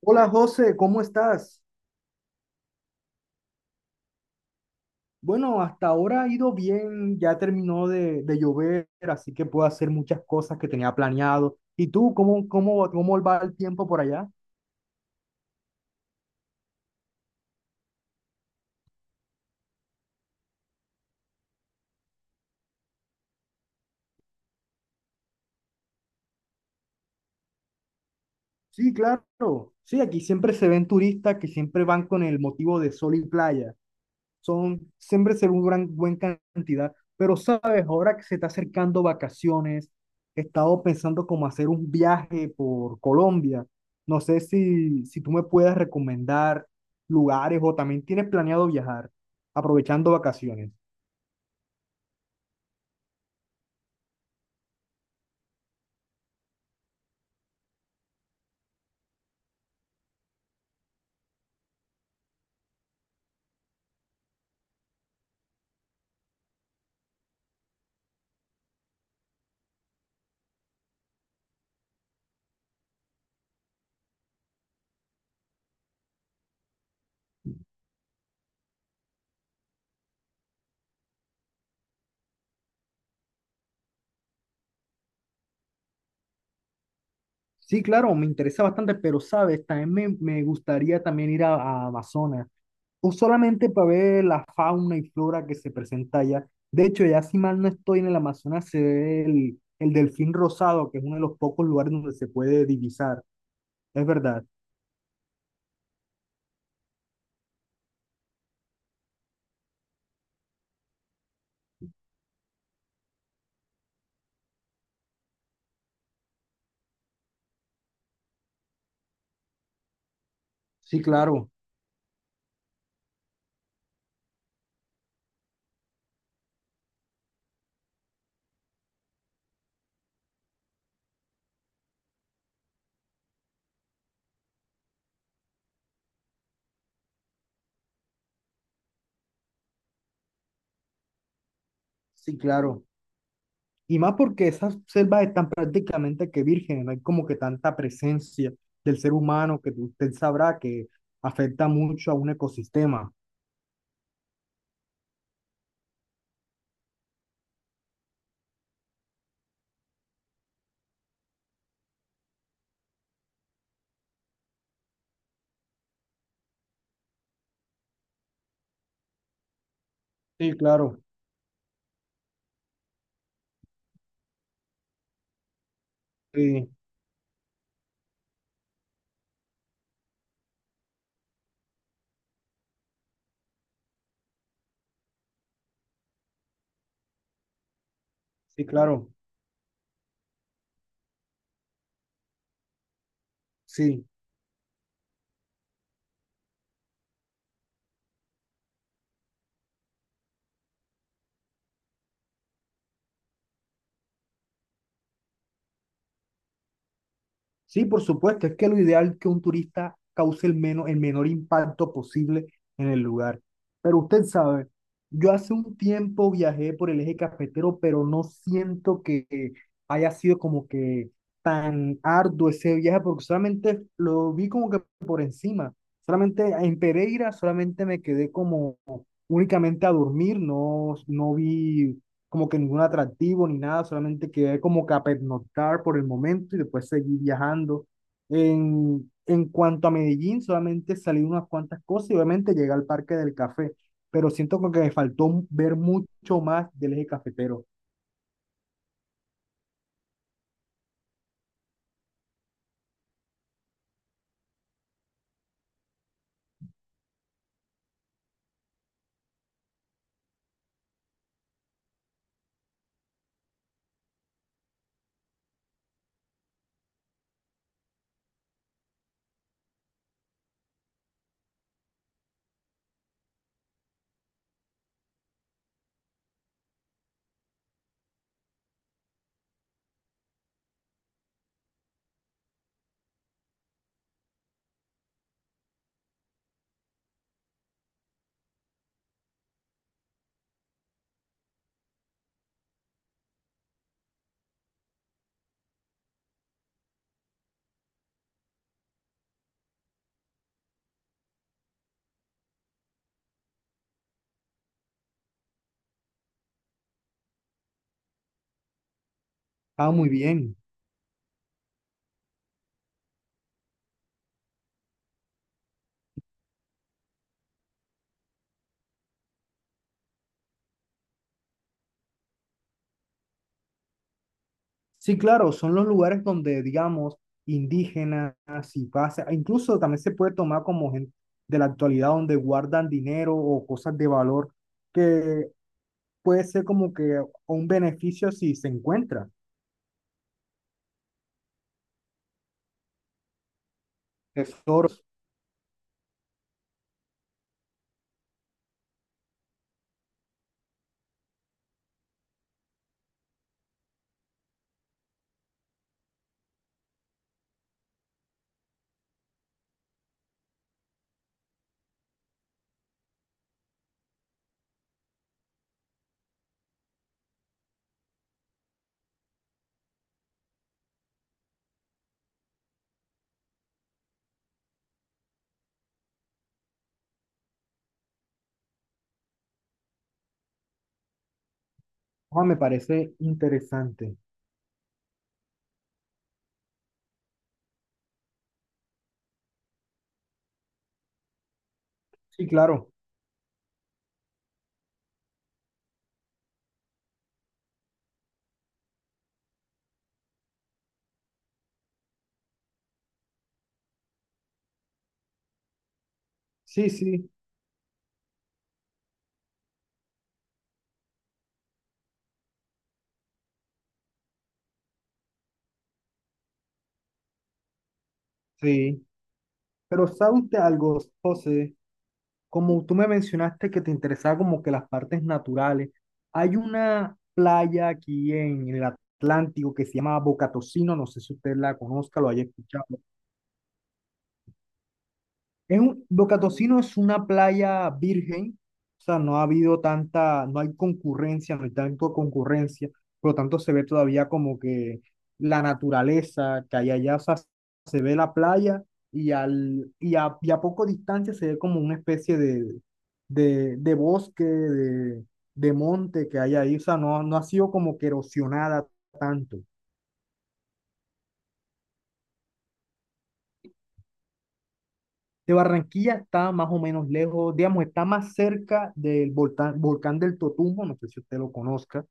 Hola José, ¿cómo estás? Bueno, hasta ahora ha ido bien, ya terminó de llover, así que puedo hacer muchas cosas que tenía planeado. ¿Y tú, cómo va el tiempo por allá? Sí, claro. Sí, aquí siempre se ven turistas que siempre van con el motivo de sol y playa. Son, siempre se ve una gran, buena cantidad, pero sabes, ahora que se está acercando vacaciones, he estado pensando como hacer un viaje por Colombia. No sé si tú me puedes recomendar lugares o también tienes planeado viajar aprovechando vacaciones. Sí, claro, me interesa bastante, pero sabes, me gustaría también ir a Amazonas. O solamente para ver la fauna y flora que se presenta allá. De hecho, ya si mal no estoy en el Amazonas, se ve el delfín rosado, que es uno de los pocos lugares donde se puede divisar. Es verdad. Sí, claro, sí, claro. Y más porque esas selvas están prácticamente que vírgenes, no hay como que tanta presencia del ser humano que usted sabrá que afecta mucho a un ecosistema. Sí, claro, sí, sí, claro, sí. Sí, por supuesto, es que lo ideal es que un turista cause el, menos, el menor impacto posible en el lugar. Pero usted sabe, yo hace un tiempo viajé por el eje cafetero, pero no siento que haya sido como que tan arduo ese viaje, porque solamente lo vi como que por encima. Solamente en Pereira, solamente me quedé como únicamente a dormir, no, no vi como que ningún atractivo ni nada, solamente quedé como que a pernoctar por el momento y después seguí viajando. En cuanto a Medellín, solamente salí unas cuantas cosas y obviamente llegué al Parque del Café, pero siento como que me faltó ver mucho más del eje cafetero. Ah, muy bien. Sí, claro, son los lugares donde, digamos, indígenas y pasa, incluso también se puede tomar como gente de la actualidad donde guardan dinero o cosas de valor que puede ser como que un beneficio si se encuentra tesoros. Ah, me parece interesante. Sí, claro. Sí, sí, sí. Pero ¿sabe usted algo, José? Como tú me mencionaste que te interesaba como que las partes naturales, hay una playa aquí en el Atlántico que se llama Bocatocino, no sé si usted la conozca, lo haya escuchado. Es un, Boca es una playa virgen, o sea, no ha habido tanta, no hay concurrencia, no hay tanto concurrencia, por lo tanto se ve todavía como que la naturaleza que hay allá, o sea, se ve la playa y, al, y a poco distancia se ve como una especie de bosque, de monte que hay ahí, o sea, no, no ha sido como que erosionada tanto. De Barranquilla está más o menos lejos, digamos, está más cerca del volcán, volcán del Totumbo, no sé si usted lo conozca.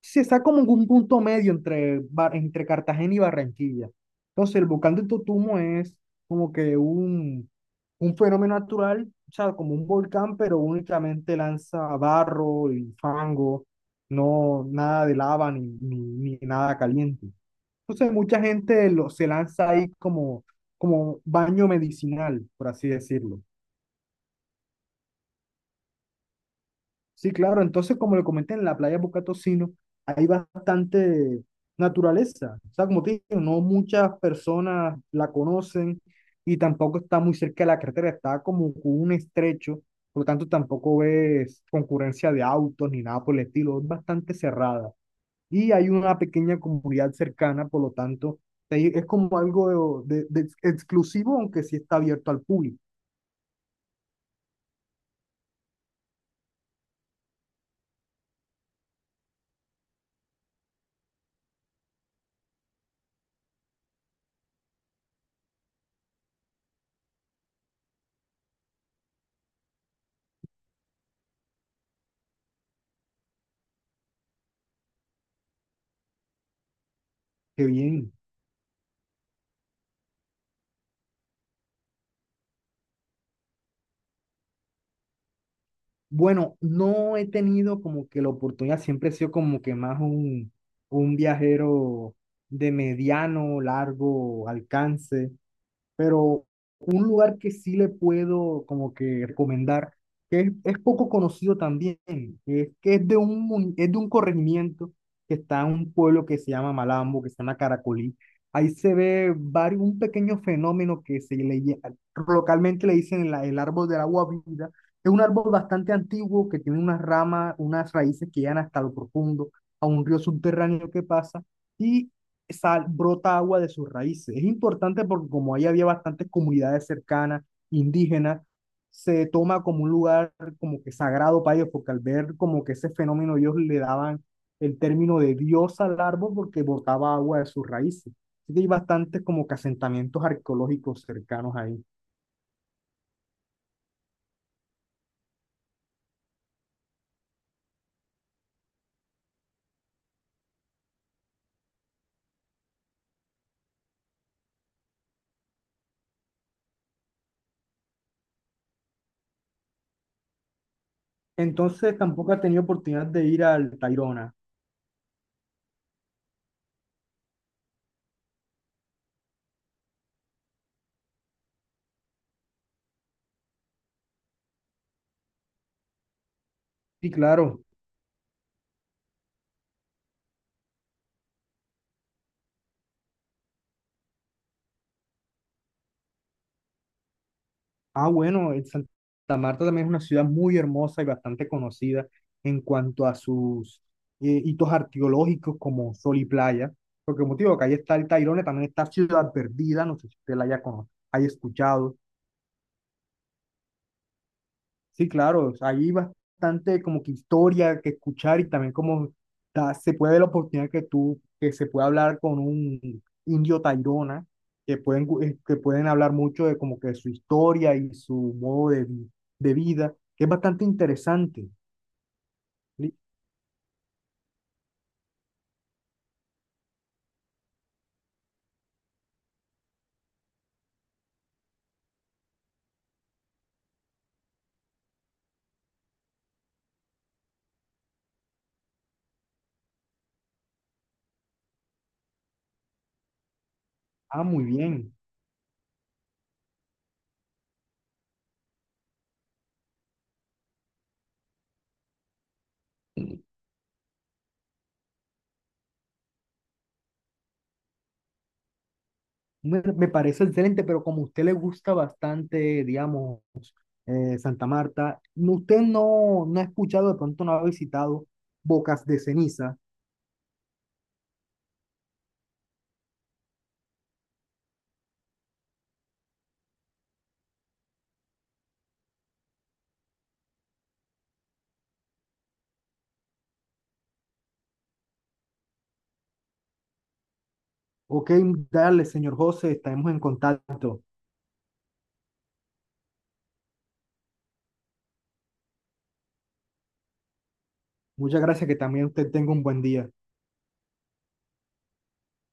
Se está como en un punto medio entre, Bar- entre Cartagena y Barranquilla. Entonces, el volcán del Totumbo es como que un fenómeno natural, o sea, como un volcán, pero únicamente lanza barro y fango, no nada de lava ni nada caliente. Entonces mucha gente lo, se lanza ahí como, como baño medicinal, por así decirlo. Sí, claro, entonces como le comenté en la playa Bucatocino, hay bastante naturaleza. O sea, como te digo, no muchas personas la conocen y tampoco está muy cerca de la carretera, está como con un estrecho, por lo tanto tampoco ves concurrencia de autos ni nada por el estilo, es bastante cerrada. Y hay una pequeña comunidad cercana, por lo tanto, ahí es como algo de exclusivo, aunque sí está abierto al público. Qué bien. Bueno, no he tenido como que la oportunidad, siempre he sido como que más un viajero de mediano, largo alcance. Pero un lugar que sí le puedo como que recomendar, que es poco conocido también, es que es de un, mun- es de un corregimiento que está en un pueblo que se llama Malambo, que se llama Caracolí. Ahí se ve varios, un pequeño fenómeno que se le, lle- localmente le dicen la- el árbol del agua viva. Es un árbol bastante antiguo que tiene unas ramas, unas raíces que llegan hasta lo profundo, a un río subterráneo que pasa. Y sal, brota agua de sus raíces. Es importante porque como ahí había bastantes comunidades cercanas, indígenas, se toma como un lugar como que sagrado para ellos, porque al ver como que ese fenómeno ellos le daban el término de diosa al árbol porque brotaba agua de sus raíces. Así que hay bastantes como que asentamientos arqueológicos cercanos ahí. Entonces tampoco ha tenido oportunidad de ir al Tayrona. Sí, claro. Ah, bueno, el Santa Marta también es una ciudad muy hermosa y bastante conocida en cuanto a sus hitos arqueológicos como Sol y Playa, porque motivo que ahí está el Tayrona, también está Ciudad Perdida, no sé si usted la haya, cono- haya escuchado. Sí, claro, o sea, hay bastante como que historia que escuchar y también como ta- se puede la oportunidad que tú, que se puede hablar con un indio Tairona, que pueden, gu- que pueden hablar mucho de como que su historia y su modo de, vi- de vida, que es bastante interesante. Li- Ah, muy bien. Me parece excelente, pero como a usted le gusta bastante, digamos, Santa Marta, no- usted no, no ha escuchado, de pronto no ha visitado Bocas de Ceniza. Ok, dale, señor José, estaremos en contacto. Muchas gracias, que también usted tenga un buen día.